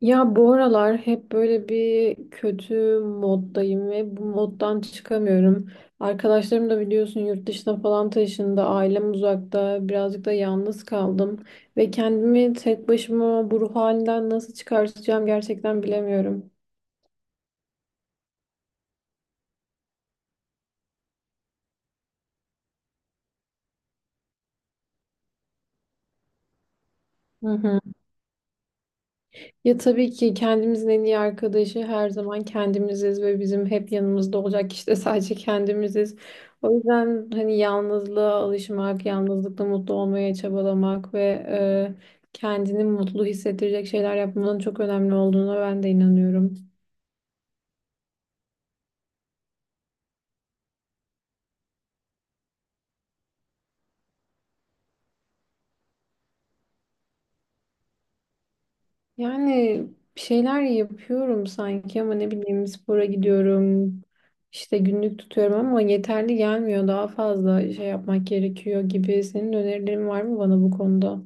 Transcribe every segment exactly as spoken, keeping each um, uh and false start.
Ya bu aralar hep böyle bir kötü moddayım ve bu moddan çıkamıyorum. Arkadaşlarım da biliyorsun yurt dışına falan taşındı. Ailem uzakta. Birazcık da yalnız kaldım. Ve kendimi tek başıma bu ruh halinden nasıl çıkartacağım gerçekten bilemiyorum. Hı hı. Ya tabii ki kendimizin en iyi arkadaşı her zaman kendimiziz ve bizim hep yanımızda olacak kişi de sadece kendimiziz. O yüzden hani yalnızlığa alışmak, yalnızlıkla mutlu olmaya çabalamak ve e, kendini mutlu hissettirecek şeyler yapmanın çok önemli olduğuna ben de inanıyorum. Yani bir şeyler yapıyorum sanki ama ne bileyim spora gidiyorum, işte günlük tutuyorum ama yeterli gelmiyor. Daha fazla şey yapmak gerekiyor gibi. Senin önerilerin var mı bana bu konuda?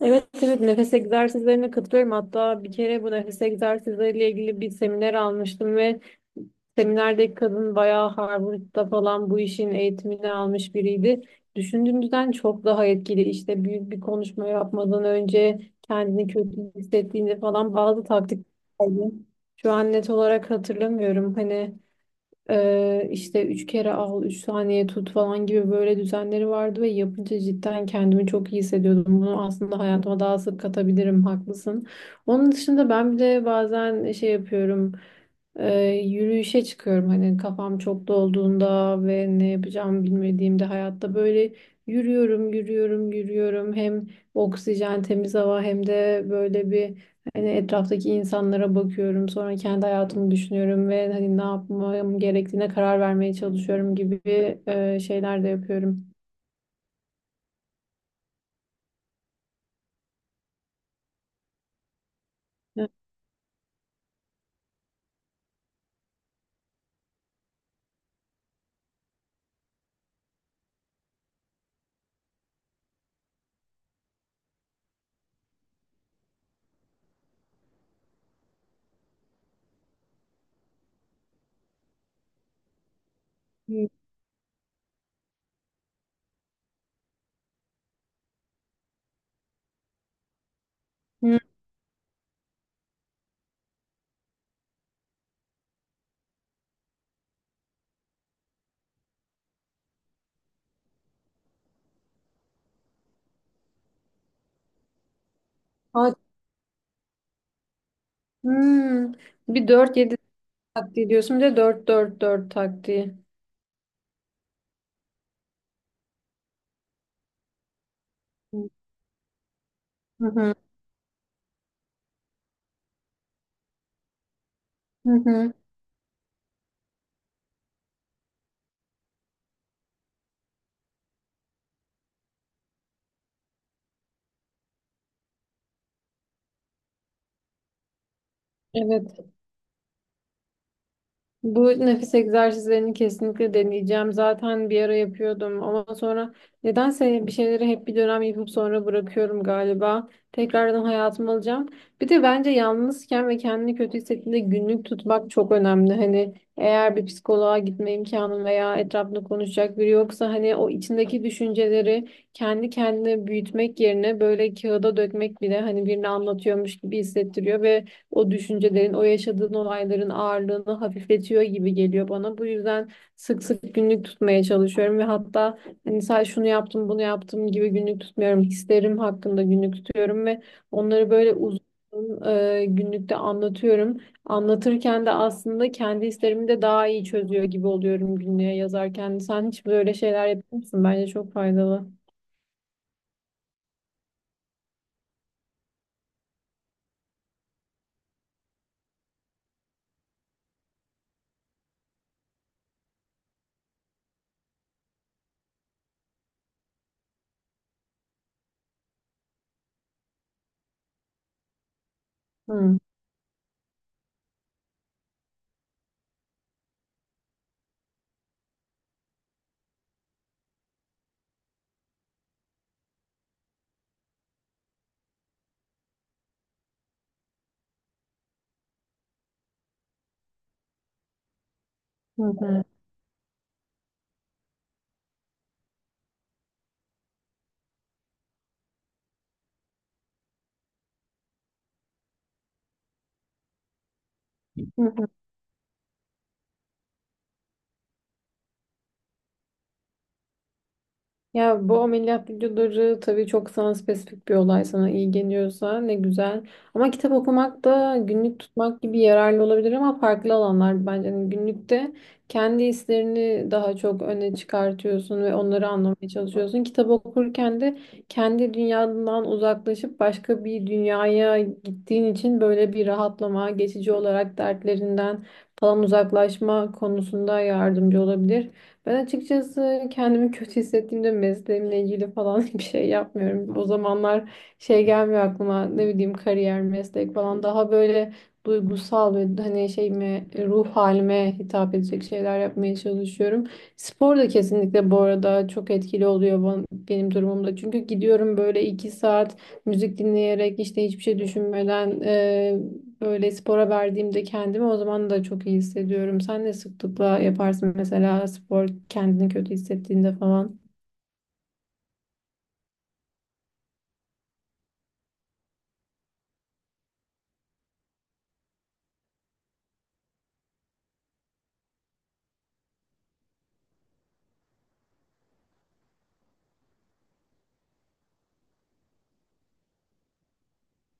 Evet evet, nefes egzersizlerine katılıyorum. Hatta bir kere bu nefes egzersizleriyle ilgili bir seminer almıştım ve seminerdeki kadın bayağı Harvard'da falan bu işin eğitimini almış biriydi. Düşündüğümüzden çok daha etkili. İşte büyük bir konuşma yapmadan önce kendini kötü hissettiğinde falan bazı taktikler vardı. Şu an net olarak hatırlamıyorum. Hani ee, işte üç kere al, üç saniye tut falan gibi böyle düzenleri vardı ve yapınca cidden kendimi çok iyi hissediyordum. Bunu aslında hayatıma daha sık katabilirim, haklısın. Onun dışında ben bir de bazen şey yapıyorum. Ee, Yürüyüşe çıkıyorum hani kafam çok dolduğunda ve ne yapacağımı bilmediğimde hayatta böyle yürüyorum yürüyorum yürüyorum, hem oksijen temiz hava hem de böyle bir hani etraftaki insanlara bakıyorum, sonra kendi hayatımı düşünüyorum ve hani ne yapmam gerektiğine karar vermeye çalışıyorum gibi e, şeyler de yapıyorum. Hı. Hı. Aa, hmm. Bir dört yedi taktiği diyorsun, bir de dört dört 4 taktiği. Hı hı. Hı hı. Evet. Bu nefes egzersizlerini kesinlikle deneyeceğim. Zaten bir ara yapıyordum ama sonra nedense bir şeyleri hep bir dönem yapıp sonra bırakıyorum galiba. Tekrardan hayatıma alacağım. Bir de bence yalnızken ve kendini kötü hissettiğinde günlük tutmak çok önemli. Hani eğer bir psikoloğa gitme imkanın veya etrafında konuşacak biri yoksa hani o içindeki düşünceleri kendi kendine büyütmek yerine böyle kağıda dökmek bile hani birini anlatıyormuş gibi hissettiriyor ve o düşüncelerin, o yaşadığın olayların ağırlığını hafifletiyor gibi geliyor bana. Bu yüzden sık sık günlük tutmaya çalışıyorum ve hatta hani sadece şunu yaptım, bunu yaptım gibi günlük tutmuyorum. Hislerim hakkında günlük tutuyorum ve onları böyle uzun e, günlükte anlatıyorum. Anlatırken de aslında kendi hislerimi de daha iyi çözüyor gibi oluyorum günlüğe yazarken. Sen hiç böyle şeyler yapıyor musun? Bence çok faydalı. Hı hı. Hı. Hı. Ya bu ameliyat videoları tabii çok sana spesifik, bir olay sana iyi geliyorsa ne güzel. Ama kitap okumak da günlük tutmak gibi yararlı olabilir ama farklı alanlar bence. Yani günlükte kendi hislerini daha çok öne çıkartıyorsun ve onları anlamaya çalışıyorsun. Kitap okurken de kendi dünyadan uzaklaşıp başka bir dünyaya gittiğin için böyle bir rahatlama, geçici olarak dertlerinden falan uzaklaşma konusunda yardımcı olabilir. Ben açıkçası kendimi kötü hissettiğimde mesleğimle ilgili falan bir şey yapmıyorum. O zamanlar şey gelmiyor aklıma, ne bileyim kariyer, meslek falan, daha böyle duygusal ve hani şeyime, ruh halime hitap edecek şeyler yapmaya çalışıyorum. Spor da kesinlikle bu arada çok etkili oluyor ban- benim durumumda. Çünkü gidiyorum böyle iki saat müzik dinleyerek, işte hiçbir şey düşünmeden. Böyle spora verdiğimde kendimi o zaman da çok iyi hissediyorum. Sen ne sıklıkla yaparsın mesela spor, kendini kötü hissettiğinde falan?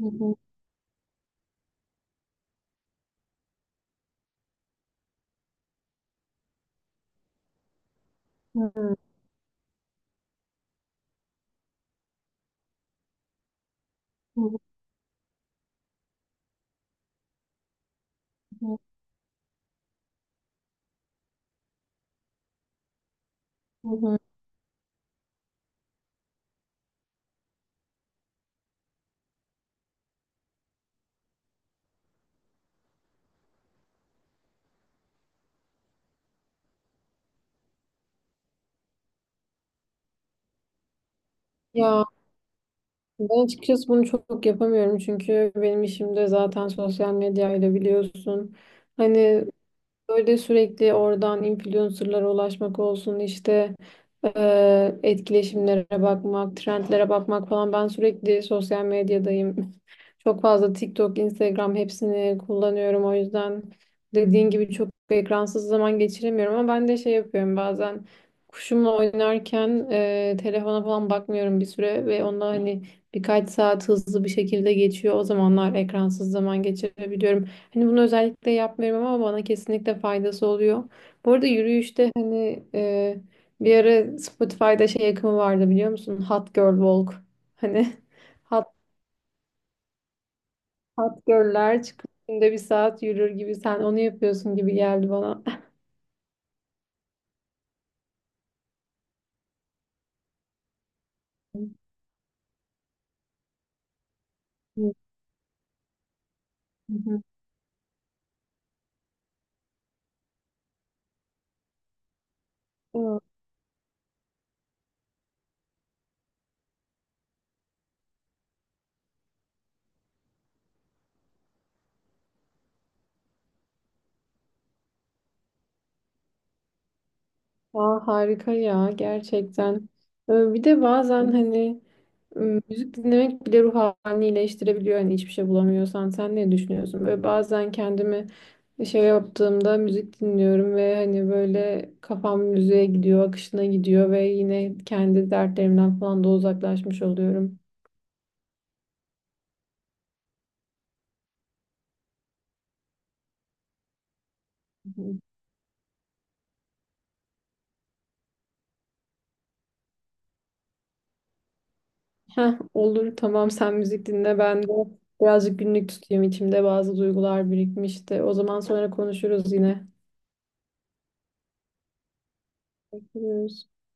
Hı hı, hı hı, hı hı. Ya ben açıkçası bunu çok yapamıyorum çünkü benim işim de zaten sosyal medyayla, biliyorsun. Hani böyle sürekli oradan influencerlara ulaşmak olsun, işte eee, etkileşimlere bakmak, trendlere bakmak falan. Ben sürekli sosyal medyadayım. Çok fazla TikTok, Instagram, hepsini kullanıyorum. O yüzden dediğin gibi çok ekransız zaman geçiremiyorum ama ben de şey yapıyorum bazen, kuşumla oynarken eee, telefona falan bakmıyorum bir süre ve onunla hani birkaç saat hızlı bir şekilde geçiyor. O zamanlar ekransız zaman geçirebiliyorum. Hani bunu özellikle yapmıyorum ama bana kesinlikle faydası oluyor. Bu arada yürüyüşte hani e, bir ara Spotify'da şey akımı vardı, biliyor musun? Hot Girl Walk. Hani hot, hot girl'ler çıkıp günde bir saat yürür gibi, sen onu yapıyorsun gibi geldi bana. Hı hı. Aa, harika ya, gerçekten. Ee, Bir de bazen hani müzik dinlemek bile ruh halini iyileştirebiliyor yani, hiçbir şey bulamıyorsan. Sen ne düşünüyorsun? Böyle bazen kendimi şey yaptığımda müzik dinliyorum ve hani böyle kafam müziğe gidiyor, akışına gidiyor ve yine kendi dertlerimden falan da uzaklaşmış oluyorum. Heh, olur tamam, sen müzik dinle, ben de birazcık günlük tutayım, içimde bazı duygular birikmişti. O zaman sonra konuşuruz yine. Görüşürüz.